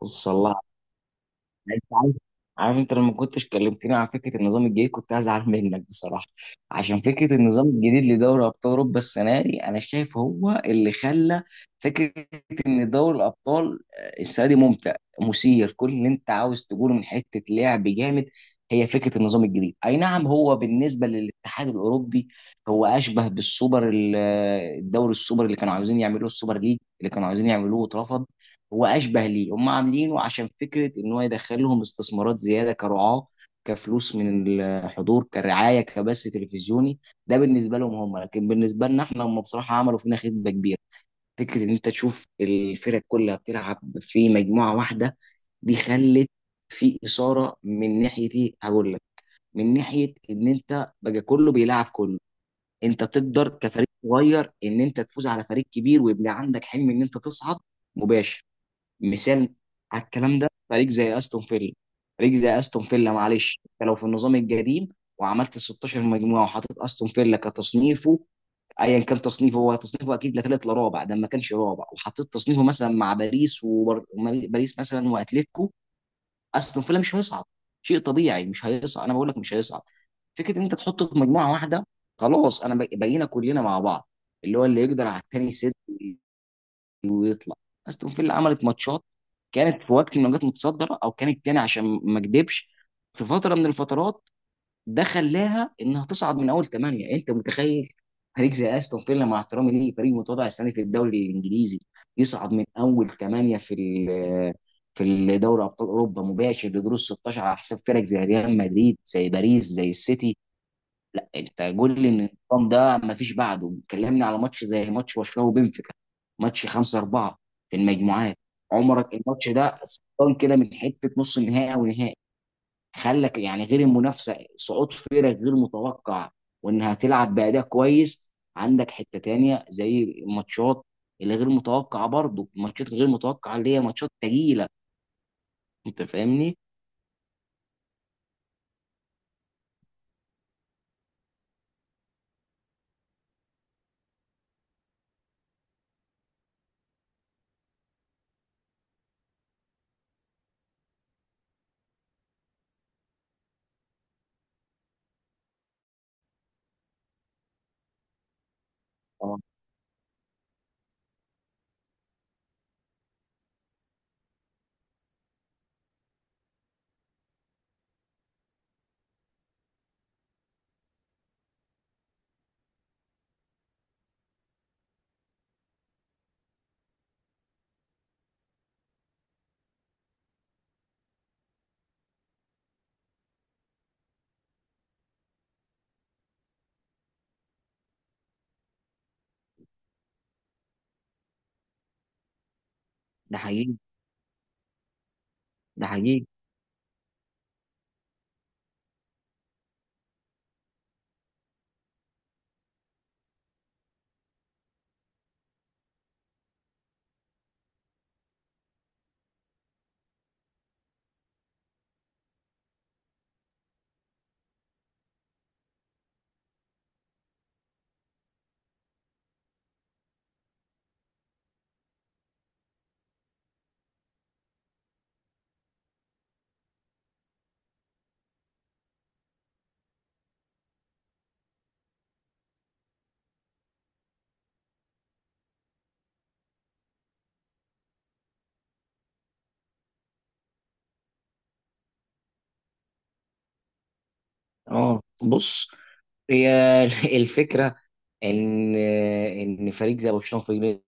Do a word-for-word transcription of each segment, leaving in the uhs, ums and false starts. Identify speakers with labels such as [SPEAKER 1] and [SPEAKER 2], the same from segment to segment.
[SPEAKER 1] بص، الله. انت عارف، عارف، انت لما كنتش كلمتني على فكره النظام الجديد كنت هزعل منك بصراحه. عشان فكره النظام الجديد لدوري ابطال اوروبا السنه دي انا شايف هو اللي خلى فكره ان دوري الابطال آه، السنه دي ممتع، مثير، كل اللي انت عاوز تقوله من حته لعب جامد. هي فكره النظام الجديد، اي نعم، هو بالنسبه للاتحاد الاوروبي هو اشبه بالسوبر ال- آه، الدوري السوبر اللي كانوا عاوزين يعملوه، السوبر ليج اللي كانوا عاوزين يعملوه واترفض. هو اشبه ليه؟ هم عاملينه عشان فكره ان هو يدخل لهم استثمارات زياده كرعاه، كفلوس من الحضور، كرعايه، كبث تلفزيوني. ده بالنسبه لهم هم، لكن بالنسبه لنا احنا هم بصراحه عملوا فينا خدمه كبيره. فكره ان انت تشوف الفرق كلها بتلعب في مجموعه واحده دي خلت في اثاره. من ناحيه ايه؟ هقول لك. من ناحيه ان انت بقى كله بيلعب كله، انت تقدر كفريق صغير ان انت تفوز على فريق كبير ويبقى عندك حلم ان انت تصعد مباشر. مثال على الكلام ده فريق زي استون فيلا. فريق زي استون فيلا، معلش، انت لو في النظام القديم وعملت ستاشر مجموعه وحطيت استون فيلا كتصنيفه، ايا كان تصنيفه، هو تصنيفه اكيد لا ثالث لا رابع، ده ما كانش رابع، وحطيت تصنيفه مثلا مع باريس، وباريس مثلا، واتلتيكو، استون فيلا مش هيصعد. شيء طبيعي مش هيصعد. انا بقول لك مش هيصعد. فكره ان انت تحطه في مجموعه واحده، خلاص، انا بق- بقينا كلنا مع بعض، اللي هو اللي يقدر على التاني يسد، تطلع. استون فيلا عملت ماتشات، كانت في وقت ما كانت متصدره او كانت تاني، عشان ما اكدبش، في فتره من الفترات. ده خلاها انها تصعد من اول ثمانيه. انت متخيل فريق زي استون فيلا، مع احترامي ليه فريق متواضع السنه دي في الدوري الانجليزي، يصعد من اول ثمانيه في ال- في دوري ابطال اوروبا مباشر لدور ال ستاشر على حساب فرق زي ريال مدريد، زي باريس، زي السيتي. لا، انت قول لي ان النظام ده ما فيش بعده. كلمني على ماتش زي ماتش برشلونه وبنفيكا، ماتش خمسة اربعة في المجموعات. عمرك الماتش ده سلطان كده من حته نص النهائي او نهائي؟ خلك يعني، غير المنافسه، صعود فرق غير متوقع، وانها تلعب باداء كويس. عندك حته تانية زي الماتشات اللي غير متوقعه برضه، الماتشات الغير متوقعه اللي هي ماتشات تقيله. انت فاهمني؟ اه. ده حقيقي. ده حقيقي. اه، بص، هي الفكره ان ان فريق زي برشلونه وفريق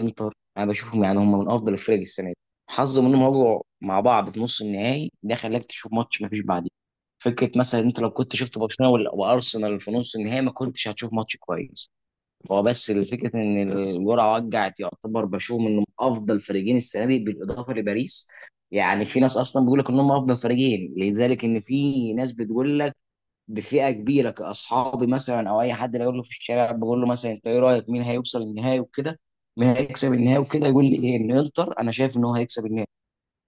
[SPEAKER 1] الانتر انا بشوفهم يعني هم من افضل الفرق السنه دي. حظهم انهم وقعوا مع بعض في نص النهائي، ده خلاك تشوف ماتش ما فيش بعديه. فكره مثلا انت لو كنت شفت برشلونه وال- وارسنال في نص النهائي ما كنتش هتشوف ماتش كويس. هو بس الفكره ان الجرعه وجعت. يعتبر بشوفهم انهم افضل فريقين السنه دي بالاضافه لباريس. يعني في ناس اصلا بيقول لك انهم افضل فريقين، لذلك ان في ناس بتقول لك بفئه كبيره كاصحابي مثلا او اي حد بقول له في الشارع، بقول له مثلا انت ايه رايك مين هيوصل النهائي وكده، مين هيكسب النهائي وكده، يقول لي ايه؟ ان انتر. انا شايف ان هو هيكسب النهائي.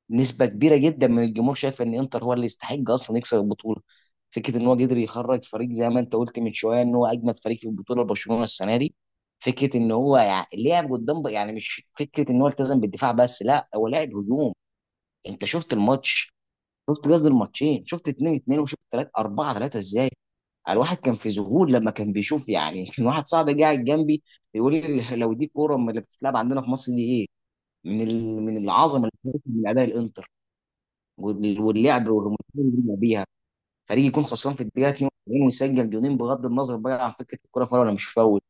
[SPEAKER 1] نسبه كبيره جدا من الجمهور شايف ان انتر هو اللي يستحق اصلا يكسب البطوله. فكره ان هو قدر يخرج فريق، زي ما انت قلت من شويه، ان هو اجمد فريق في البطوله برشلونه السنه دي. فكره ان هو يعني لعب قدام ب- يعني مش فكره ان هو التزم بالدفاع بس، لا، هو لعب هجوم. انت شفت الماتش؟ شفت، قصدي الماتشين، شفت اتنين اتنين، وشفت تلاتة اربعة تلاتة، ازاي؟ الواحد كان في ذهول لما كان بيشوف يعني. كان واحد صاحبي قاعد جنبي بيقول لي لو دي كوره، من اللي بتتلعب عندنا في مصر دي ايه، من ال... من العظمه اللي بتحصل من اداء الانتر وال- واللعب والريمونتادا اللي بيلعب بيها. فريق يكون خسران في الدقيقه اتنين واربعين ويسجل جونين، بغض النظر بقى عن فكره الكوره فاول ولا مش فاول.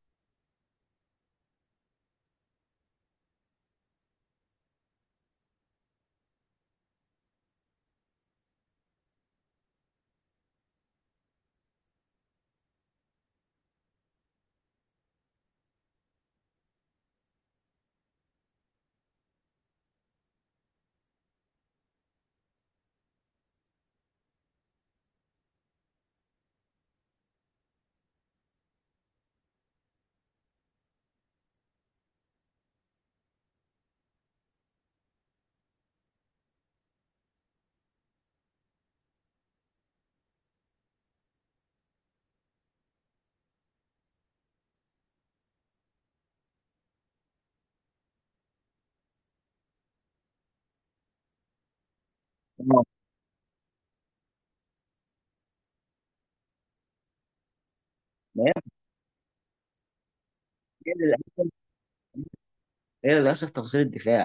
[SPEAKER 1] آه، ما هي، هي للاسف هي للاسف تفاصيل الدفاع.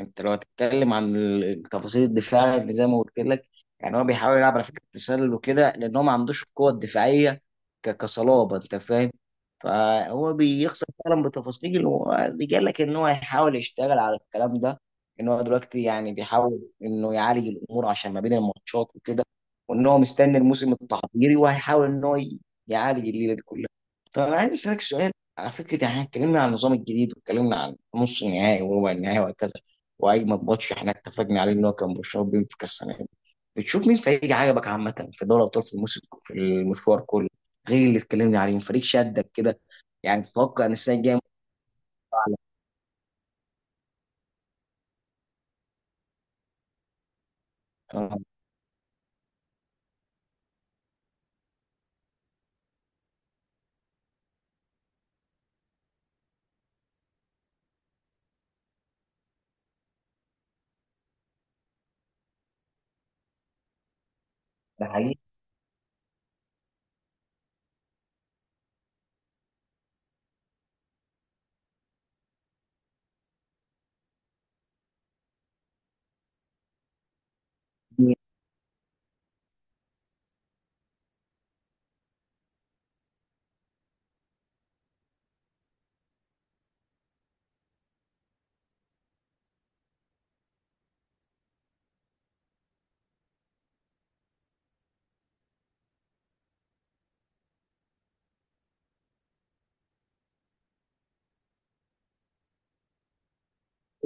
[SPEAKER 1] انت لو هتتكلم عن ال- تفاصيل الدفاع اللي زي ما قلت لك، يعني هو بيحاول يلعب على فكره التسلل وكده لان هو ما عندوش القوه الدفاعيه، ك- كصلابه، انت فاهم. فهو بيخسر فعلا بتفاصيل، ودي قال لك ان هو هيحاول يشتغل على الكلام ده، ان هو دلوقتي يعني بيحاول انه يعالج الامور عشان ما بين الماتشات وكده، وان هو مستني الموسم التحضيري وهيحاول ان هو ي- يعالج الليله دي كلها. طب انا عايز اسالك سؤال. على فكره يعني احنا اتكلمنا عن النظام الجديد، واتكلمنا عن نص النهائي وربع النهائي وهكذا، واجمد ماتش احنا اتفقنا عليه ان هو كان برشلونه بينفيكا السنه دي، بتشوف مين فريق عجبك عامه في دوري ابطال في الموسم في المشوار كله غير اللي اتكلمنا عليه؟ فريق شدك كده، يعني تتوقع ان السنه الجايه ممكن. على- آه، ده حقيقي.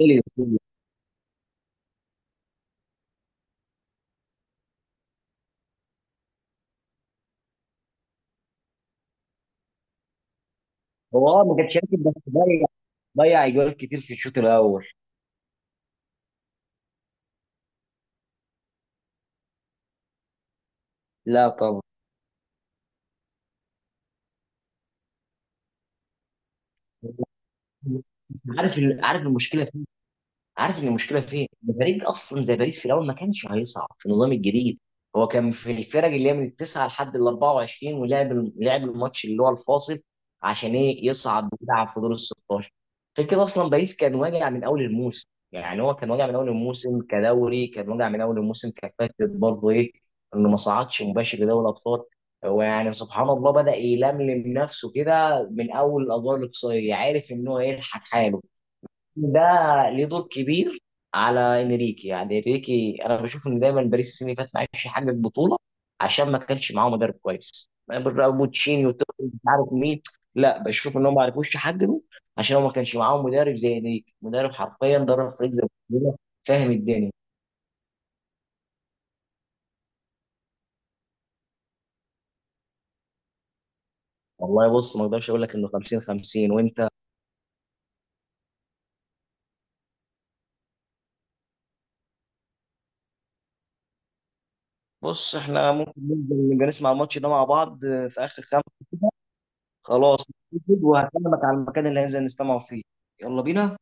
[SPEAKER 1] إيه اللي- يقول؟ هو اه ما كانش راكب، بس ضيع، ضيع اجوال كتير في الشوط الاول. لا طبعا. عارف ال- عارف المشكله؟ عارف ان المشكله فين؟ ان فريق اصلا زي باريس في الاول ما كانش هيصعد في النظام الجديد. هو كان في الفرق اللي هي من التسعه لحد ال اربعة وعشرين، ولعب لعب الماتش اللي هو الفاصل عشان ايه؟ يصعد ويلعب في دور ال ستاشر. غير كده اصلا باريس كان واجع من اول الموسم، يعني هو كان واجع من اول الموسم كدوري، كان واجع من اول الموسم كفكره برضه ايه؟ انه ما صعدش مباشر لدوري الابطال. هو يعني سبحان الله بدأ يلملم نفسه كده من اول الادوار الاقصائيه، عارف ان هو يلحق حاله. ده ليه دور كبير على انريكي، يعني انريكي انا بشوف ان دايما باريس السنه اللي فاتت ما عرفش يحقق بطوله عشان ما كانش معاه مدرب كويس. بوتشيني وتوخيل مش عارف مين، لا بشوف ان هم ما عرفوش يحققوا عشان هو ما كانش معاهم مدرب زي انريكي، مدرب حرفيا درب فريق زي برشلونه. فاهم الدنيا. والله، بص، ما اقدرش اقول لك انه خمسين خمسين، وانت. بص احنا ممكن ننزل نبقى نسمع الماتش ده مع بعض في اخر خمسه. خلاص، وهكلمك على المكان اللي هننزل نستمع فيه. يلا بينا.